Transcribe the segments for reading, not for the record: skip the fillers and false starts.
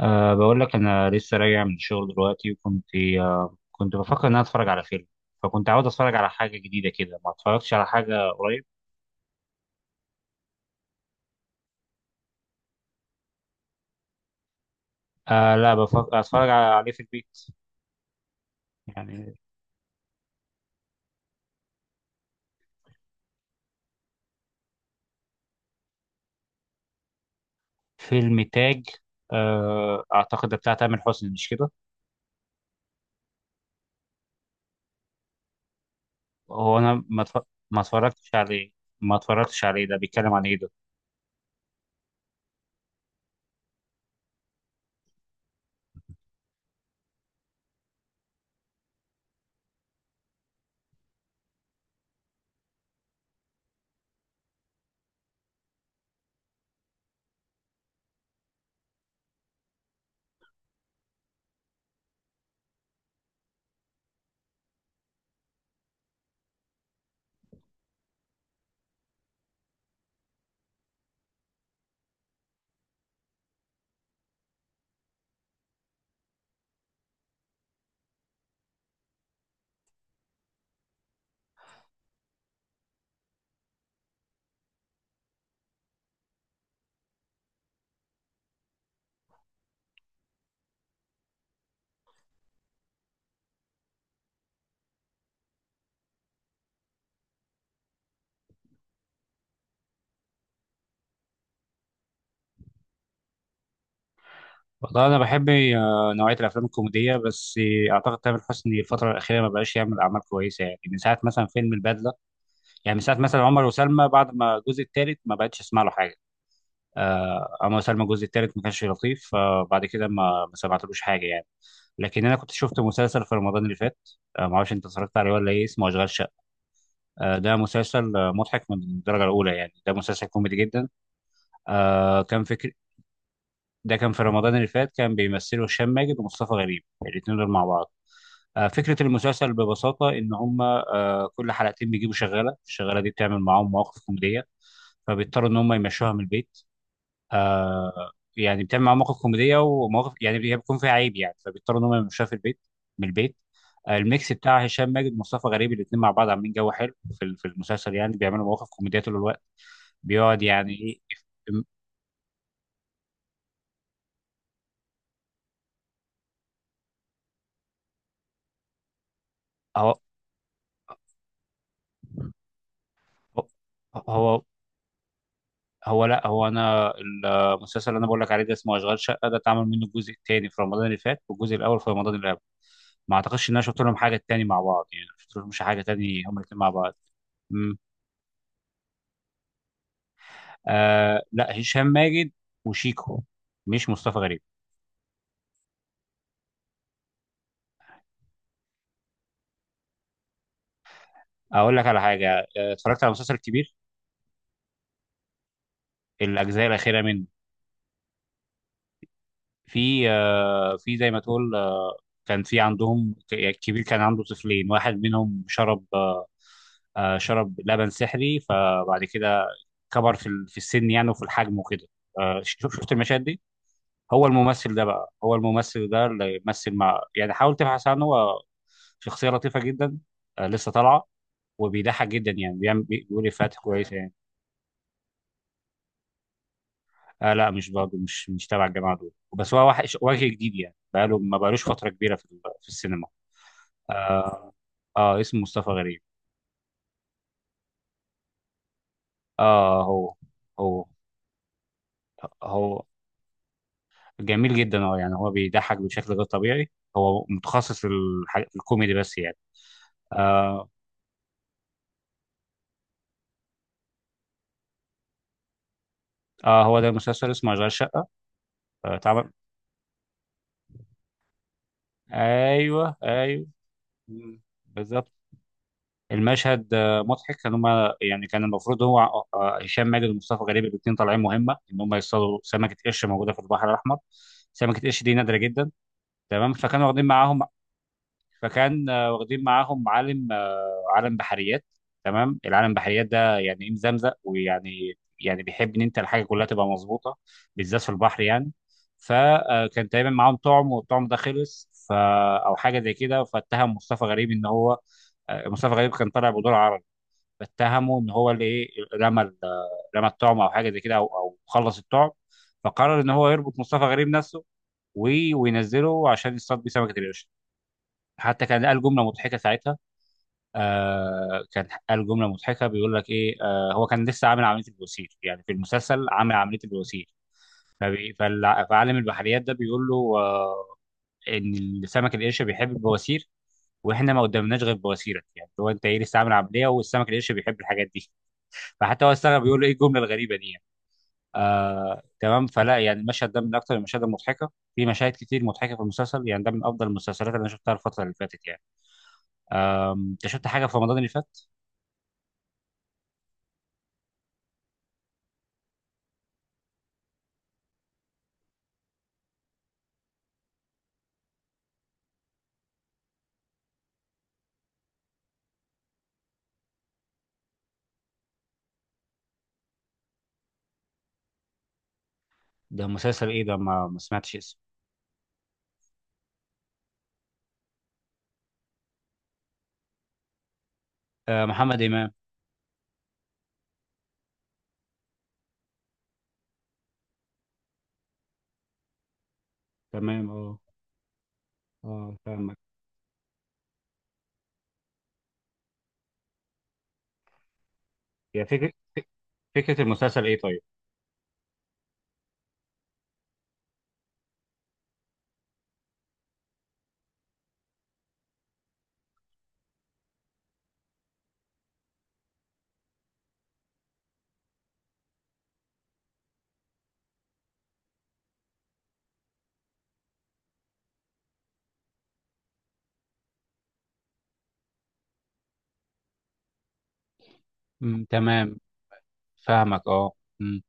بقول لك أنا لسه راجع من الشغل دلوقتي. وكنت أه كنت بفكر إن أنا أتفرج على فيلم، فكنت عاوز أتفرج على حاجة جديدة كده، ما أتفرجتش على حاجة قريب. لا، بفكر أتفرج عليه في البيت. يعني فيلم تاج؟ أعتقد ده بتاع تامر حسني مش كده؟ هو أنا ما أتف- ما اتفرجتش عليه. ما اتفرجتش عليه، ده بيتكلم عن إيه ده؟ والله أنا بحب نوعية الأفلام الكوميدية، بس أعتقد تامر حسني الفترة الأخيرة ما بقاش يعمل أعمال كويسة، يعني من ساعة مثلا فيلم البدلة. يعني من ساعه مثلا عمر وسلمى، بعد ما الجزء الثالث ما بقتش اسمع له حاجه. عمر وسلمى الجزء الثالث ما كانش لطيف، فبعد كده ما سمعتلوش حاجه يعني. لكن انا كنت شفت مسلسل في رمضان اللي فات. ما اعرفش انت اتفرجت عليه ولا ايه، اسمه اشغال شقه. ده مسلسل مضحك من الدرجه الاولى، يعني ده مسلسل كوميدي جدا. كان فكر. ده كان في رمضان اللي فات، كان بيمثله هشام ماجد ومصطفى غريب، الاثنين دول مع بعض. فكره المسلسل ببساطه ان هم كل حلقتين بيجيبوا شغاله، الشغاله دي بتعمل معاهم مواقف كوميديه، فبيضطروا ان هم يمشوها من البيت. يعني بتعمل معاهم مواقف كوميديه ومواقف، يعني هي بيكون فيها عيب يعني، فبيضطروا ان هم يمشوها في البيت، من البيت. الميكس بتاع هشام ماجد ومصطفى غريب الاثنين مع بعض عاملين جو حلو في المسلسل، يعني بيعملوا مواقف كوميديه طول الوقت. بيقعد يعني ايه. إم- هو هو هو لا، هو انا المسلسل اللي انا بقول لك عليه ده اسمه اشغال شقه، ده اتعمل منه الجزء الثاني في رمضان اللي فات، والجزء الاول في رمضان اللي قبل. ما اعتقدش ان انا شفت لهم حاجه تاني مع بعض، يعني ما شفت لهمش حاجه تاني هم الاثنين مع بعض. آه لا، هشام ماجد وشيكو، مش مصطفى غريب. اقول لك على حاجه، اتفرجت على مسلسل كبير، الاجزاء الاخيره منه. في في زي ما تقول كان في عندهم يعني الكبير كان عنده طفلين، واحد منهم شرب شرب لبن سحري، فبعد كده كبر في السن يعني وفي الحجم وكده. شوف، شفت المشاهد دي. هو الممثل ده، بقى هو الممثل ده اللي يمثل مع يعني، حاول تبحث عنه، هو شخصيه لطيفه جدا. لسه طالعه. وبيضحك جدا يعني، بيعمل بيقول افيهات كويسه يعني. آه لا مش برضه، مش تبع الجماعه دول، بس هو وجه جديد يعني، بقاله ما بقالوش فتره كبيره في السينما. اه، اسمه مصطفى غريب. اه، هو هو جميل جدا. اه يعني هو بيضحك بشكل غير طبيعي، هو متخصص في الكوميدي بس يعني. اه، هو ده مسلسل اسمه اشغال شقه. آه طبعا. ايوه ايوه، مم، بالظبط. المشهد مضحك، كان هما يعني كان المفروض هو هشام ماجد ومصطفى غريب الاثنين طالعين مهمه ان هم يصطادوا سمكه قرش موجوده في البحر الاحمر. سمكه قرش دي نادره جدا. تمام. فكانوا واخدين معاهم، فكان واخدين معاهم عالم عالم بحريات. تمام. العالم بحريات ده يعني ايه، مزمزق ويعني، يعني بيحب ان انت الحاجه كلها تبقى مظبوطه، بالذات في البحر يعني. فكان تقريبا معاهم طعم، والطعم ده خلص، ف او حاجه زي كده، فاتهم مصطفى غريب ان هو مصطفى غريب كان طالع بدور عربي، اتهمه ان هو اللي ايه رمى ال- رمى الطعم او حاجه زي كده، او خلص الطعم، فقرر ان هو يربط مصطفى غريب نفسه وينزله عشان يصطاد بيه سمكه القرش. حتى كان قال جمله مضحكه ساعتها، كان قال جمله مضحكه، بيقول لك ايه، هو كان لسه عامل عمليه البواسير، يعني في المسلسل عامل عمليه البواسير، فعالم البحريات ده بيقول له ان السمك القرش بيحب البواسير، واحنا ما قدمناش غير بواسيرك، يعني هو انت ايه لسه عامل عمليه والسمك القرش بيحب الحاجات دي. فحتى هو استغرب، بيقول له ايه الجمله الغريبه دي يعني. تمام. فلا يعني المشهد ده من اكثر المشاهد المضحكه، في مشاهد كتير مضحكه في المسلسل، يعني ده من افضل المسلسلات اللي انا شفتها الفتره اللي فاتت يعني. انت شفت حاجه في رمضان اللي فات؟ ده مسلسل ايه ده، ما سمعتش اسمه. آه محمد امام. تمام اه. اه فاهمك. يا فكره، فكره المسلسل ايه طيب. مم، تمام. فاهمك اه. مم،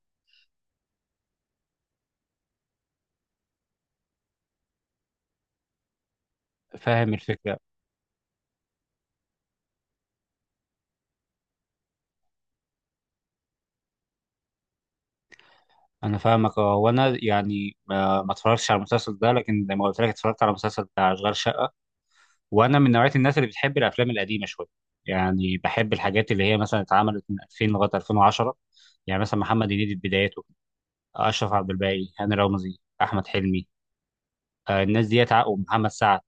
فاهم الفكره. انا فاهمك اه. وانا يعني ما اتفرجتش على المسلسل ده، لكن زي ما قلت لك اتفرجت على المسلسل بتاع اشغال شقه. وانا من نوعيه الناس اللي بتحب الافلام القديمه شويه، يعني بحب الحاجات اللي هي مثلا اتعملت من 2000 لغايه 2010. يعني مثلا محمد هنيدي في بدايته، اشرف عبد الباقي، هاني رمزي، احمد حلمي، الناس ديت ومحمد سعد،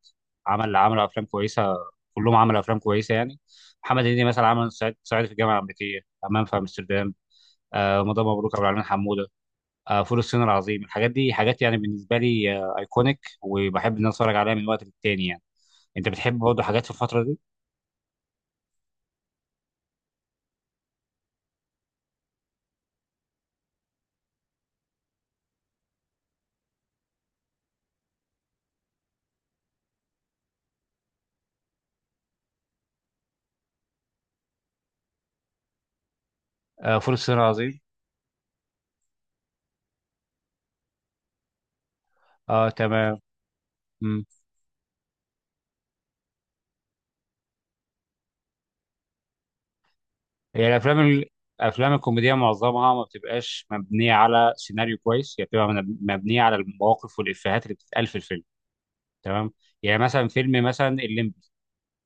عملوا افلام كويسه، كلهم عملوا افلام كويسه يعني. محمد هنيدي مثلا عمل صعيدي في الجامعه الامريكيه، همام في امستردام، رمضان مبروك عبد العالمين حموده، فول الصين العظيم. الحاجات دي حاجات يعني بالنسبه لي ايكونيك، وبحب ان أنا اتفرج عليها من وقت للتاني يعني. انت بتحب برضه حاجات في الفتره دي؟ فول الصين العظيم. اه تمام. مم. هي الافلام الكوميديه معظمها ما بتبقاش مبنيه على سيناريو كويس، هي بتبقى مبنيه على المواقف والافيهات اللي بتتقال في الفيلم. تمام. يعني مثلا فيلم مثلا الليمبي،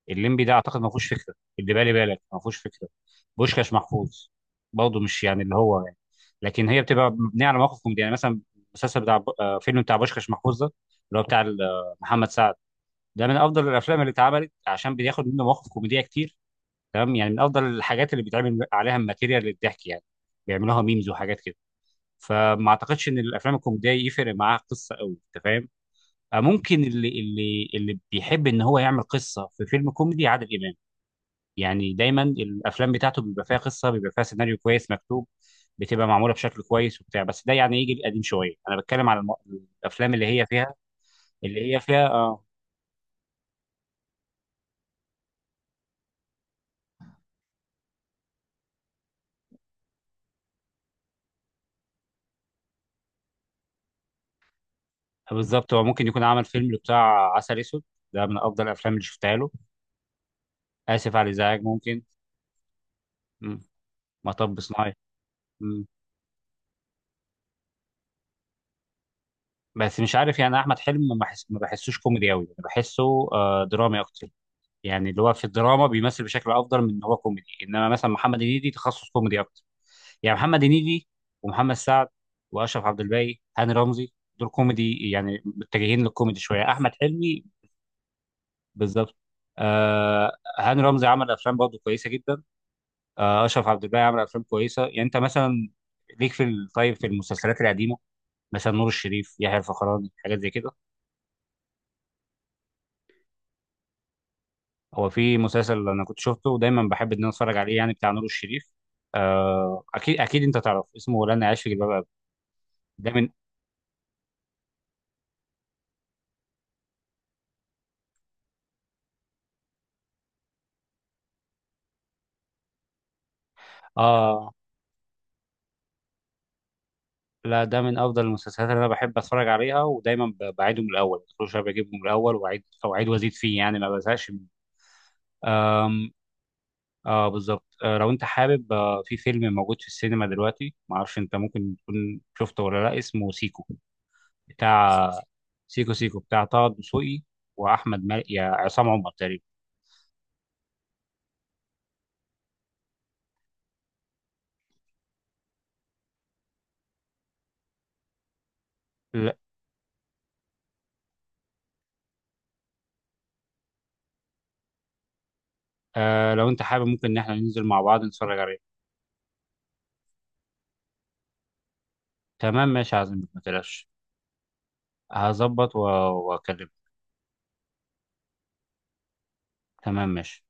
الليمبي ده اعتقد ما فيهوش فكره، اللي بالي بالك ما فيهوش فكره. بوشكاش محفوظ برضه مش يعني اللي هو يعني، لكن هي بتبقى مبنيه على مواقف كوميديه يعني. مثلا المسلسل فيلم بتاع بوشكاش محفوظ ده اللي هو محمد سعد، ده من افضل الافلام اللي اتعملت عشان بياخد منه مواقف كوميديه كتير. تمام. يعني من افضل الحاجات اللي بيتعمل عليها الماتيريال للضحك يعني، بيعملوها ميمز وحاجات كده. فما اعتقدش ان الافلام الكوميديه يفرق معاها قصه قوي، انت فاهم. ممكن اللي بيحب ان هو يعمل قصه في فيلم كوميدي عادل امام، يعني دايما الافلام بتاعته بيبقى فيها قصه، بيبقى فيها سيناريو كويس مكتوب، بتبقى معموله بشكل كويس وبتاع. بس ده يعني يجي قديم شويه. انا بتكلم على الافلام اللي هي فيها اللي هي فيها اه. بالظبط. هو ممكن يكون عمل فيلم بتاع عسل اسود، ده من افضل الافلام اللي شفتها له. اسف على الازعاج ممكن. مم. مطب صناعي. مم. بس مش عارف يعني احمد حلمي، ما بحسوش كوميدي قوي، بحسه درامي اكتر. يعني اللي هو في الدراما بيمثل بشكل افضل من ان هو كوميدي. انما مثلا محمد هنيدي تخصص كوميدي اكتر. يعني محمد هنيدي ومحمد سعد واشرف عبد الباقي هاني رمزي، دول كوميدي يعني، متجهين للكوميدي شويه. احمد حلمي بالظبط. آه هاني رمزي عمل افلام برضه كويسه جدا. اشرف عبد الباقي عمل افلام كويسه يعني. انت مثلا ليك طيب في المسلسلات القديمه، مثلا نور الشريف، يحيى الفخراني، حاجات زي كده. هو في مسلسل انا كنت شفته ودايما بحب ان انا اتفرج عليه يعني، بتاع نور الشريف، اكيد انت تعرف اسمه، لن اعيش في جلباب ابي. ده من اه لا، ده من افضل المسلسلات اللي انا بحب اتفرج عليها، ودايما بعيده من الاول كل شويه بجيبه من الاول واعيد او اعيد وازيد فيه يعني، ما بزهقش منه. آم، اه بالظبط. لو انت حابب في فيلم موجود في السينما دلوقتي، ما اعرفش انت ممكن تكون شفته ولا لا، اسمه سيكو. بتاع سيكو سيكو بتاع طه دسوقي واحمد مالك، يا عصام عمر تقريبا. لا. لو انت حابب ممكن ان احنا ننزل مع بعض نتفرج عليه. تمام ماشي يا عزمي ما تقلقش. هظبط واكلمك. تمام ماشي.